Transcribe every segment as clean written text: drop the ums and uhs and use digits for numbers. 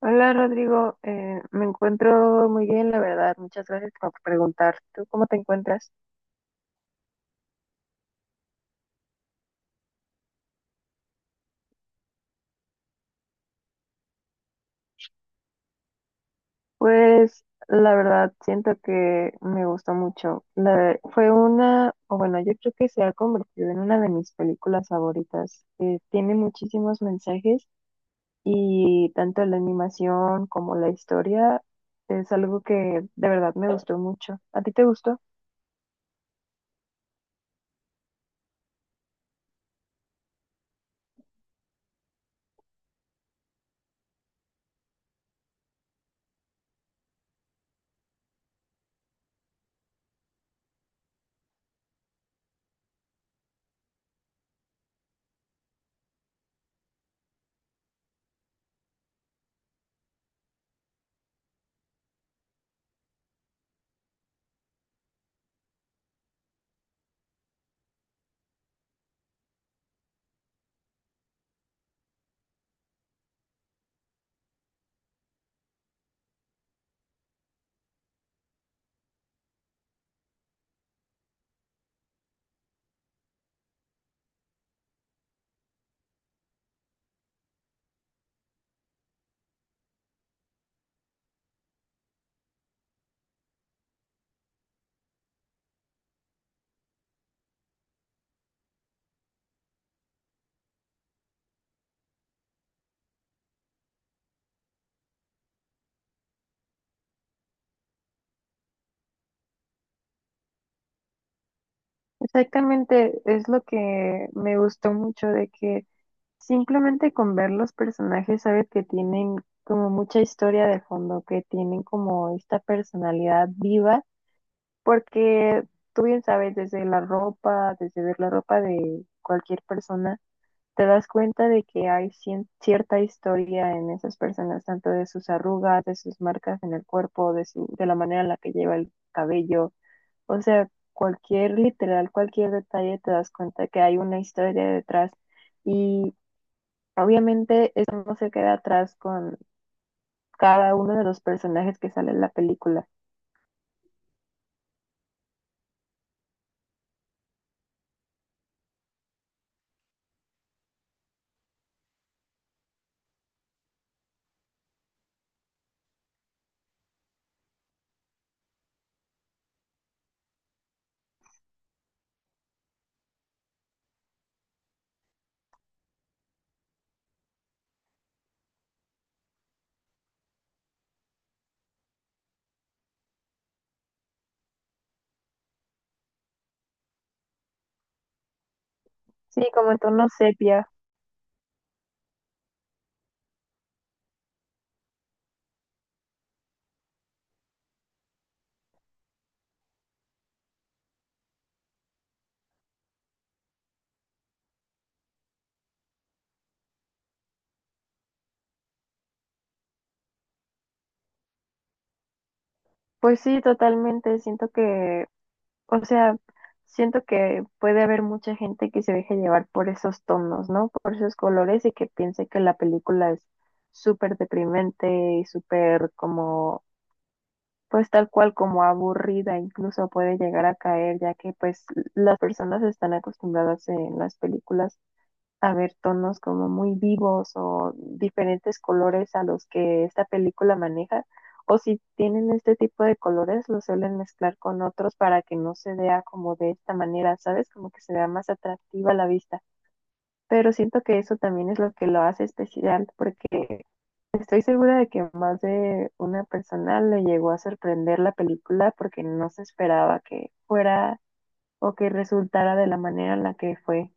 Hola Rodrigo, me encuentro muy bien, la verdad. Muchas gracias por preguntar. ¿Tú cómo te encuentras? Pues la verdad, siento que me gustó mucho. Fue una, o bueno, yo creo que se ha convertido en una de mis películas favoritas. Tiene muchísimos mensajes y tanto la animación como la historia es algo que de verdad me gustó mucho. ¿A ti te gustó? Exactamente, es lo que me gustó mucho de que... Simplemente con ver los personajes sabes que tienen como mucha historia de fondo, que tienen como esta personalidad viva, porque tú bien sabes, desde la ropa, desde ver la ropa de cualquier persona, te das cuenta de que hay cierta historia en esas personas, tanto de sus arrugas, de sus marcas en el cuerpo, de su, de la manera en la que lleva el cabello, o sea, cualquier literal, cualquier detalle te das cuenta que hay una historia detrás. Y obviamente esto no se queda atrás con cada uno de los personajes que sale en la película. Sí, como en tono sepia. Pues sí, totalmente. Siento que, o sea, siento que puede haber mucha gente que se deje llevar por esos tonos, ¿no? Por esos colores y que piense que la película es súper deprimente y súper como, pues tal cual como aburrida, incluso puede llegar a caer, ya que pues las personas están acostumbradas en las películas a ver tonos como muy vivos o diferentes colores a los que esta película maneja. O si tienen este tipo de colores, los suelen mezclar con otros para que no se vea como de esta manera, ¿sabes? Como que se vea más atractiva a la vista. Pero siento que eso también es lo que lo hace especial, porque estoy segura de que más de una persona le llegó a sorprender la película porque no se esperaba que fuera o que resultara de la manera en la que fue.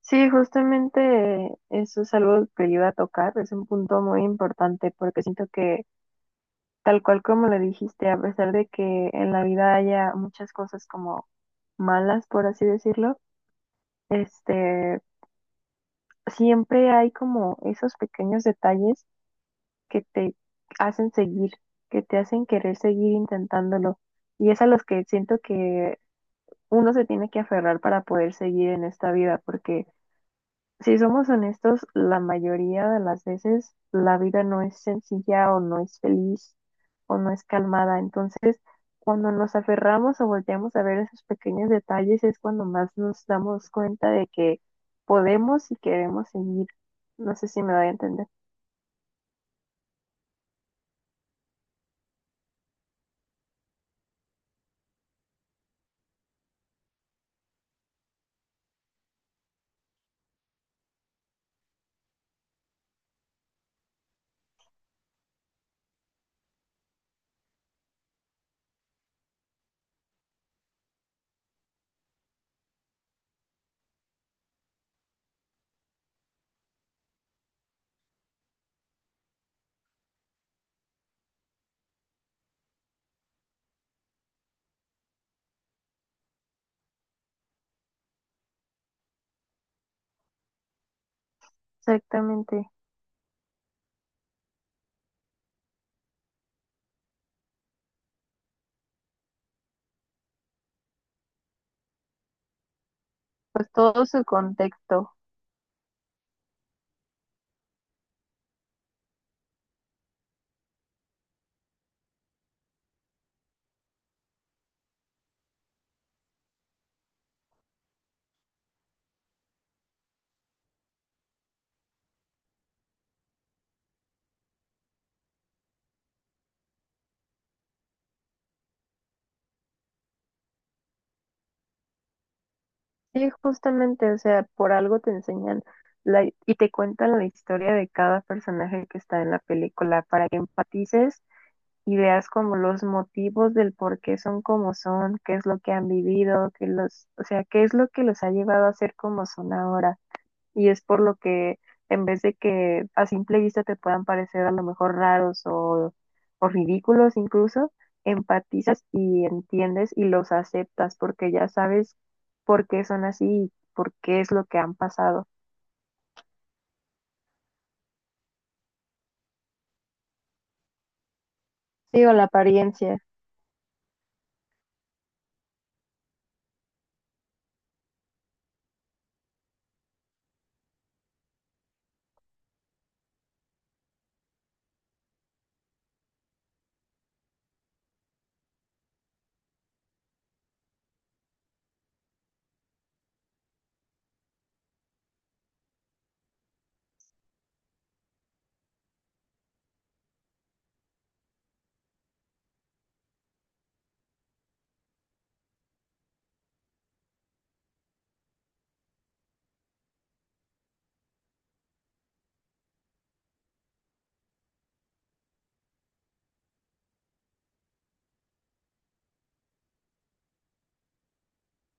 Sí, justamente eso es algo que yo iba a tocar, es un punto muy importante porque siento que tal cual como lo dijiste, a pesar de que en la vida haya muchas cosas como malas, por así decirlo, este, siempre hay como esos pequeños detalles que te hacen seguir, que te hacen querer seguir intentándolo y es a los que siento que uno se tiene que aferrar para poder seguir en esta vida porque, si somos honestos, la mayoría de las veces la vida no es sencilla o no es feliz o no es calmada. Entonces, cuando nos aferramos o volteamos a ver esos pequeños detalles es cuando más nos damos cuenta de que podemos y queremos seguir. No sé si me doy a entender. Exactamente. Pues todo su contexto. Sí, justamente, o sea, por algo te enseñan la, y te cuentan la historia de cada personaje que está en la película para que empatices ideas como los motivos del por qué son como son, qué es lo que han vivido, que los, o sea, qué es lo que los ha llevado a ser como son ahora. Y es por lo que en vez de que a simple vista te puedan parecer a lo mejor raros o ridículos incluso, empatizas y entiendes y los aceptas porque ya sabes por qué son así y por qué es lo que han pasado. Sí, o la apariencia.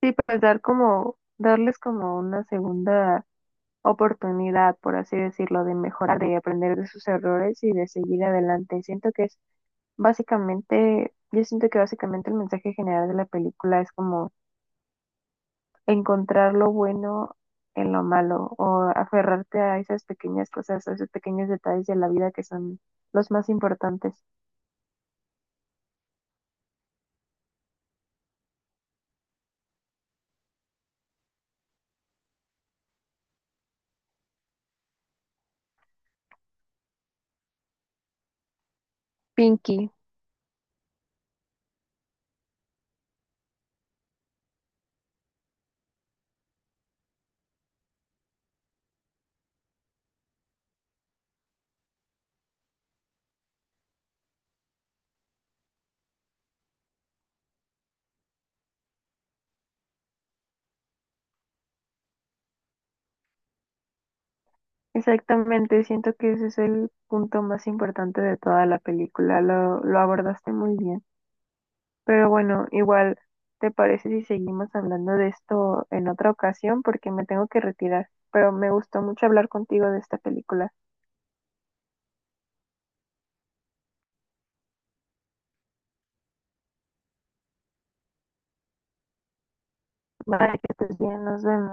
Sí, pues dar como, darles como una segunda oportunidad, por así decirlo, de mejorar, de aprender de sus errores y de seguir adelante. Siento que es básicamente, yo siento que básicamente el mensaje general de la película es como encontrar lo bueno en lo malo o aferrarte a esas pequeñas cosas, a esos pequeños detalles de la vida que son los más importantes. Pinky, exactamente, siento que ese es el punto más importante de toda la película, lo abordaste muy bien. Pero bueno, igual, ¿te parece si seguimos hablando de esto en otra ocasión? Porque me tengo que retirar. Pero me gustó mucho hablar contigo de esta película. Vale, que estés bien, nos vemos.